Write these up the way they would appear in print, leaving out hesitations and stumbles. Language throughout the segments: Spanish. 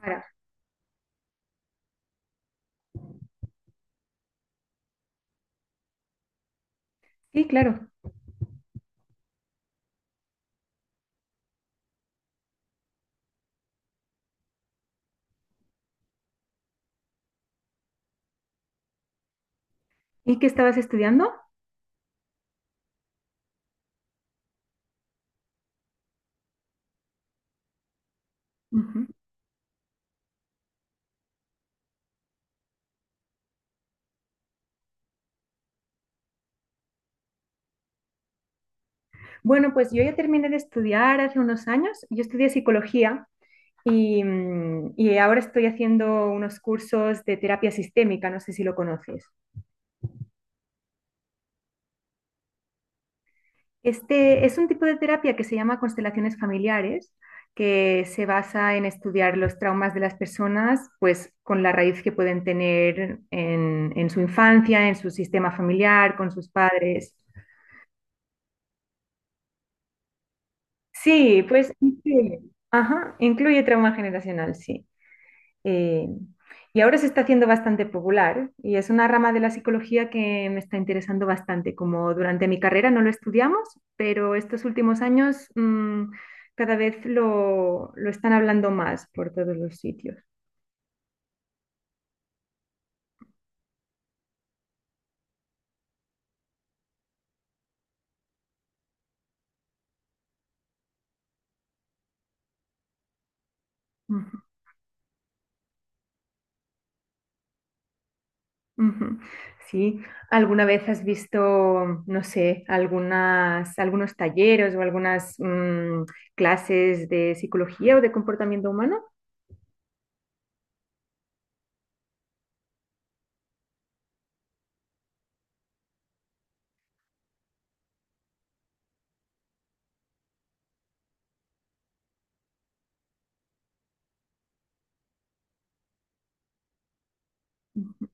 Sara. Sí, claro. ¿Y qué estabas estudiando? Ujú. Bueno, pues yo ya terminé de estudiar hace unos años. Yo estudié psicología y ahora estoy haciendo unos cursos de terapia sistémica, no sé si lo conoces. Este es un tipo de terapia que se llama constelaciones familiares, que se basa en estudiar los traumas de las personas, pues con la raíz que pueden tener en su infancia, en su sistema familiar, con sus padres. Sí, pues ajá, incluye trauma generacional, sí. Eh, y ahora se está haciendo bastante popular y es una rama de la psicología que me está interesando bastante. Como durante mi carrera no lo estudiamos, pero estos últimos años cada vez lo están hablando más por todos los sitios. Ujú, ujú. Sí, ¿alguna vez has visto, no sé, algunos talleres o algunas clases de psicología o de comportamiento humano? Ujú,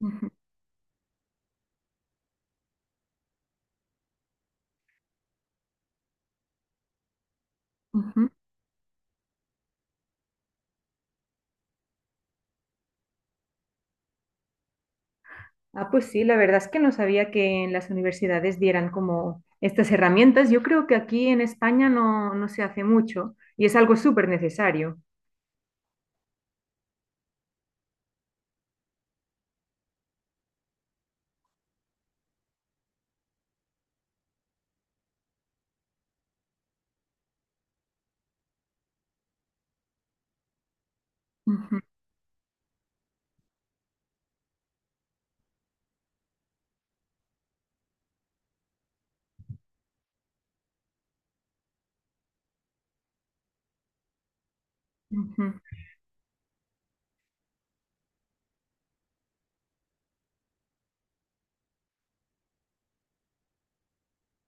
ujú, ujú. Ah, pues sí, la verdad es que no sabía que en las universidades dieran como estas herramientas. Yo creo que aquí en España no se hace mucho y es algo súper necesario. Ujú, ujú,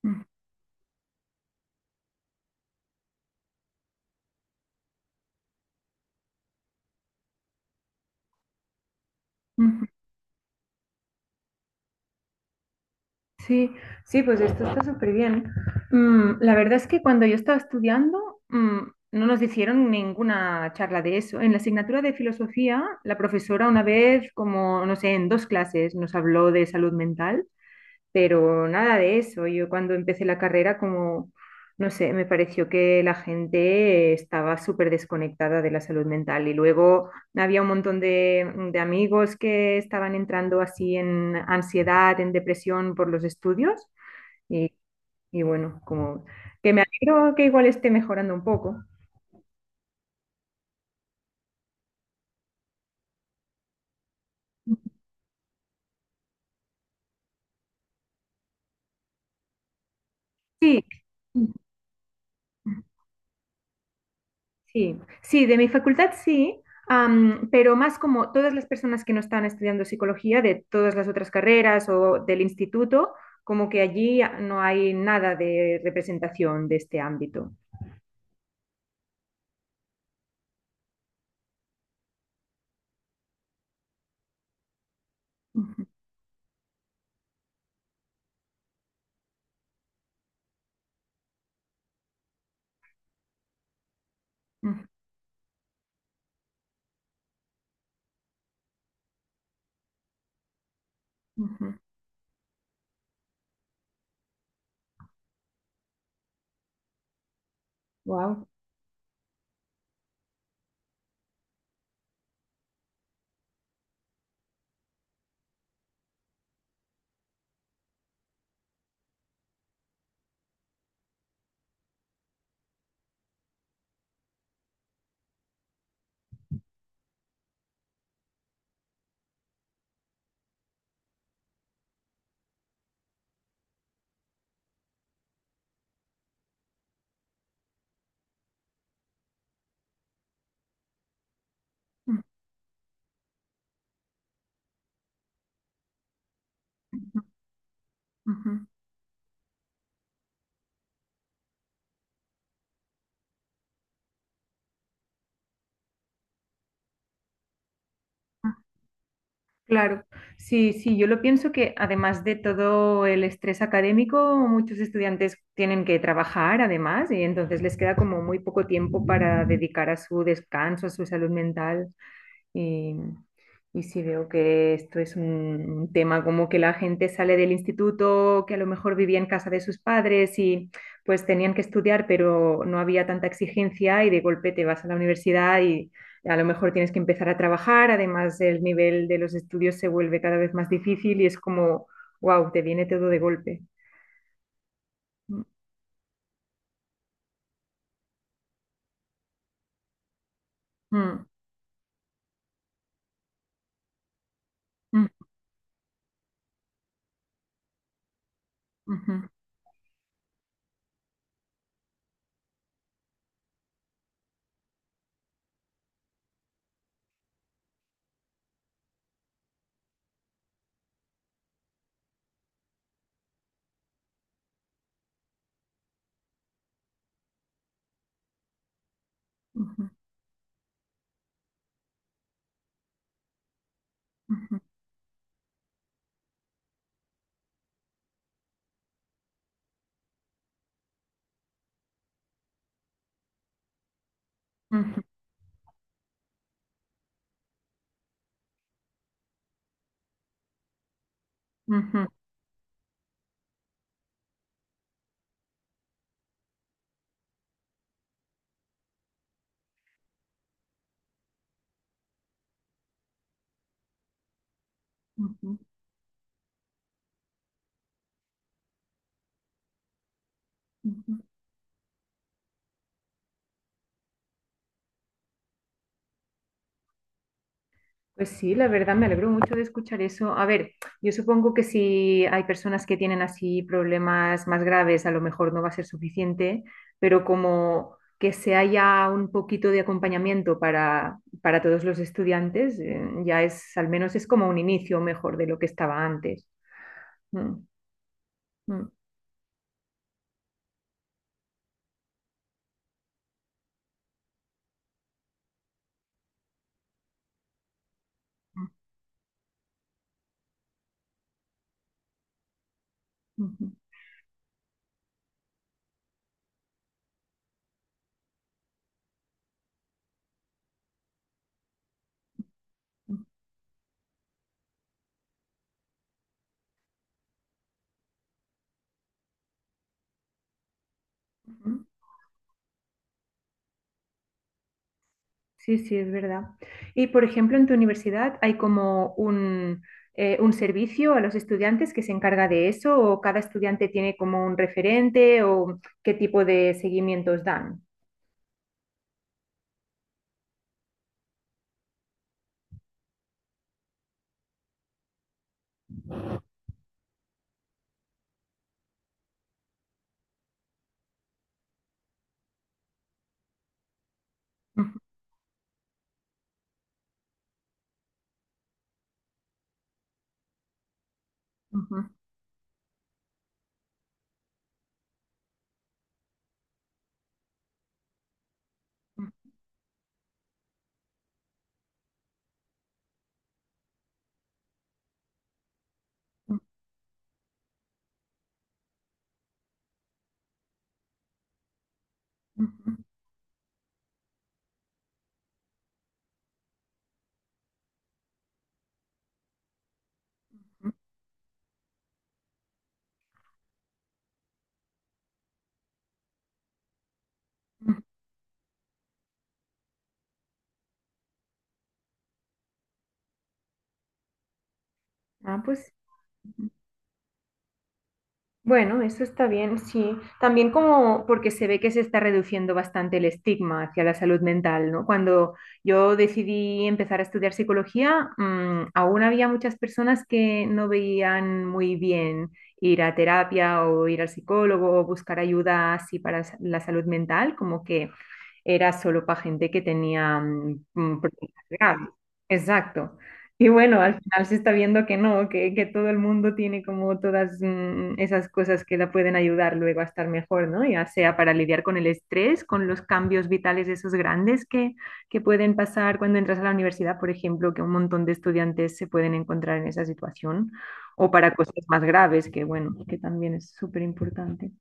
ujú, ujú. Sí, sí, pues esto está súper bien. La verdad es que cuando yo estaba estudiando, no nos hicieron ninguna charla de eso. En la asignatura de filosofía, la profesora una vez, como, no sé, en dos clases nos habló de salud mental. Pero nada de eso. Yo cuando empecé la carrera, como, no sé, me pareció que la gente estaba súper desconectada de la salud mental y luego había un montón de amigos que estaban entrando así en ansiedad, en depresión por los estudios y, y bueno, como que me alegro que igual esté mejorando un poco. Sí. Sí, sí, de mi facultad sí, pero más como todas las personas que no están estudiando psicología de todas las otras carreras o del instituto, como que allí no hay nada de representación de este ámbito. Wow. Claro, sí, sí, yo lo pienso que además de todo el estrés académico, muchos estudiantes tienen que trabajar además y entonces les queda como muy poco tiempo para dedicar a su descanso, a su salud mental y, y sí veo que esto es un tema como que la gente sale del instituto, que a lo mejor vivía en casa de sus padres y pues tenían que estudiar, pero no había tanta exigencia y de golpe te vas a la universidad a lo mejor tienes que empezar a trabajar, además el nivel de los estudios se vuelve cada vez más difícil y es como, wow, te viene todo de golpe. Mm, mm, mm, ujú, ujú, ujú, ujú, ujú, ujú, ujú. Pues sí, la verdad me alegro mucho de escuchar eso. A ver, yo supongo que si hay personas que tienen así problemas más graves, a lo mejor no va a ser suficiente, pero como que se haya un poquito de acompañamiento para todos los estudiantes, ya es, al menos es como un inicio mejor de lo que estaba antes. Mm, mm, mm, mm, mm, mm. Mm. Sí, sí, es verdad. Y, por ejemplo, en tu universidad hay como un servicio a los estudiantes que se encarga de eso, o cada estudiante tiene como un referente, o qué tipo de seguimientos dan. Ujú, ujú, ujú, ujú, ujú. Ujú. Ah, pues. Bueno, eso está bien, sí. También como porque se ve que se está reduciendo bastante el estigma hacia la salud mental, ¿no? Cuando yo decidí empezar a estudiar psicología, aún había muchas personas que no veían muy bien ir a terapia o ir al psicólogo o buscar ayuda así para la salud mental, como que era solo para gente que tenía problemas graves. Exacto. Y bueno, al final se está viendo que no, que todo el mundo tiene como todas esas cosas que la pueden ayudar luego a estar mejor, ¿no? Ya sea para lidiar con el estrés, con los cambios vitales esos grandes que pueden pasar cuando entras a la universidad, por ejemplo, que un montón de estudiantes se pueden encontrar en esa situación, o para cosas más graves, que bueno, que también es súper importante.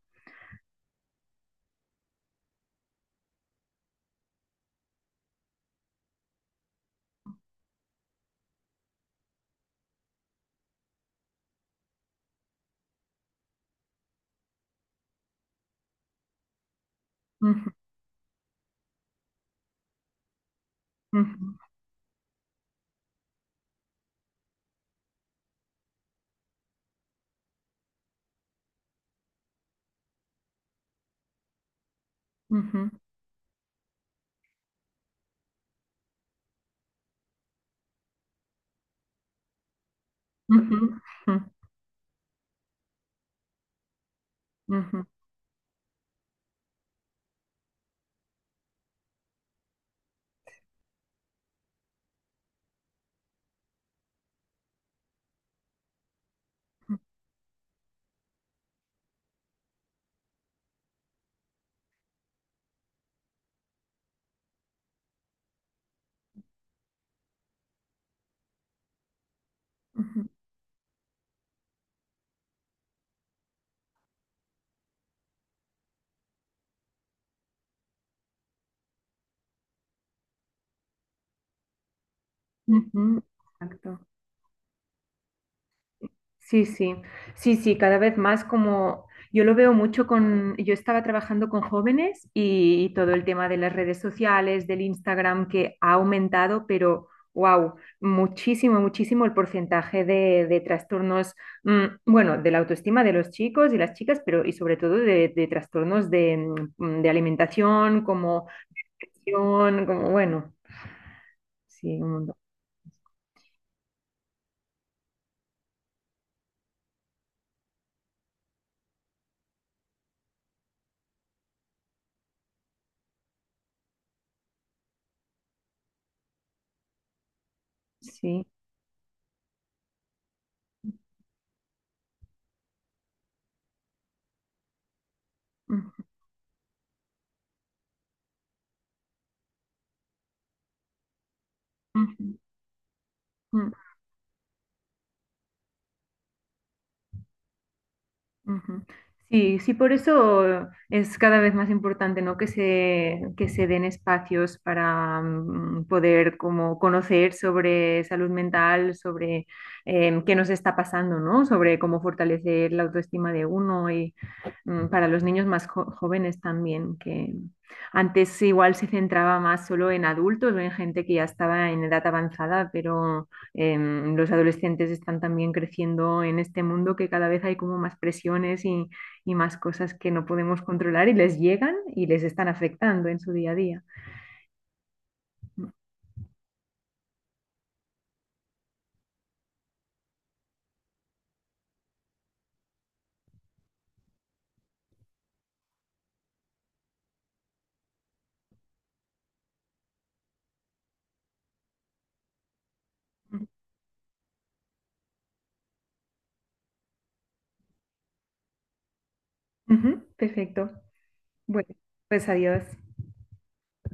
Ujú, ujú, ujú, ujú, ujú, ujú, ujú, ujú. Exacto. Sí, sí, sí, sí, cada vez más como yo lo veo mucho con, yo estaba trabajando con jóvenes y, todo el tema de las redes sociales, del Instagram que ha aumentado, pero wow, muchísimo, muchísimo el porcentaje de trastornos, bueno, de la autoestima de los chicos y las chicas, pero y sobre todo de trastornos de alimentación, como presión, como bueno, sí, un mundo, sí. Ujú, ujú, ujú. Ujú. Sí, sí, por eso es cada vez más importante, ¿no? Que se den espacios para poder como conocer sobre salud mental, sobre qué nos está pasando, ¿no? Sobre cómo fortalecer la autoestima de uno para los niños más jóvenes también, que antes igual se centraba más solo en adultos o en gente que ya estaba en edad avanzada, pero los adolescentes están también creciendo en este mundo que cada vez hay como más presiones y más cosas que no podemos controlar y les llegan y les están afectando en su día a día. Ujú, perfecto. Bueno, pues adiós.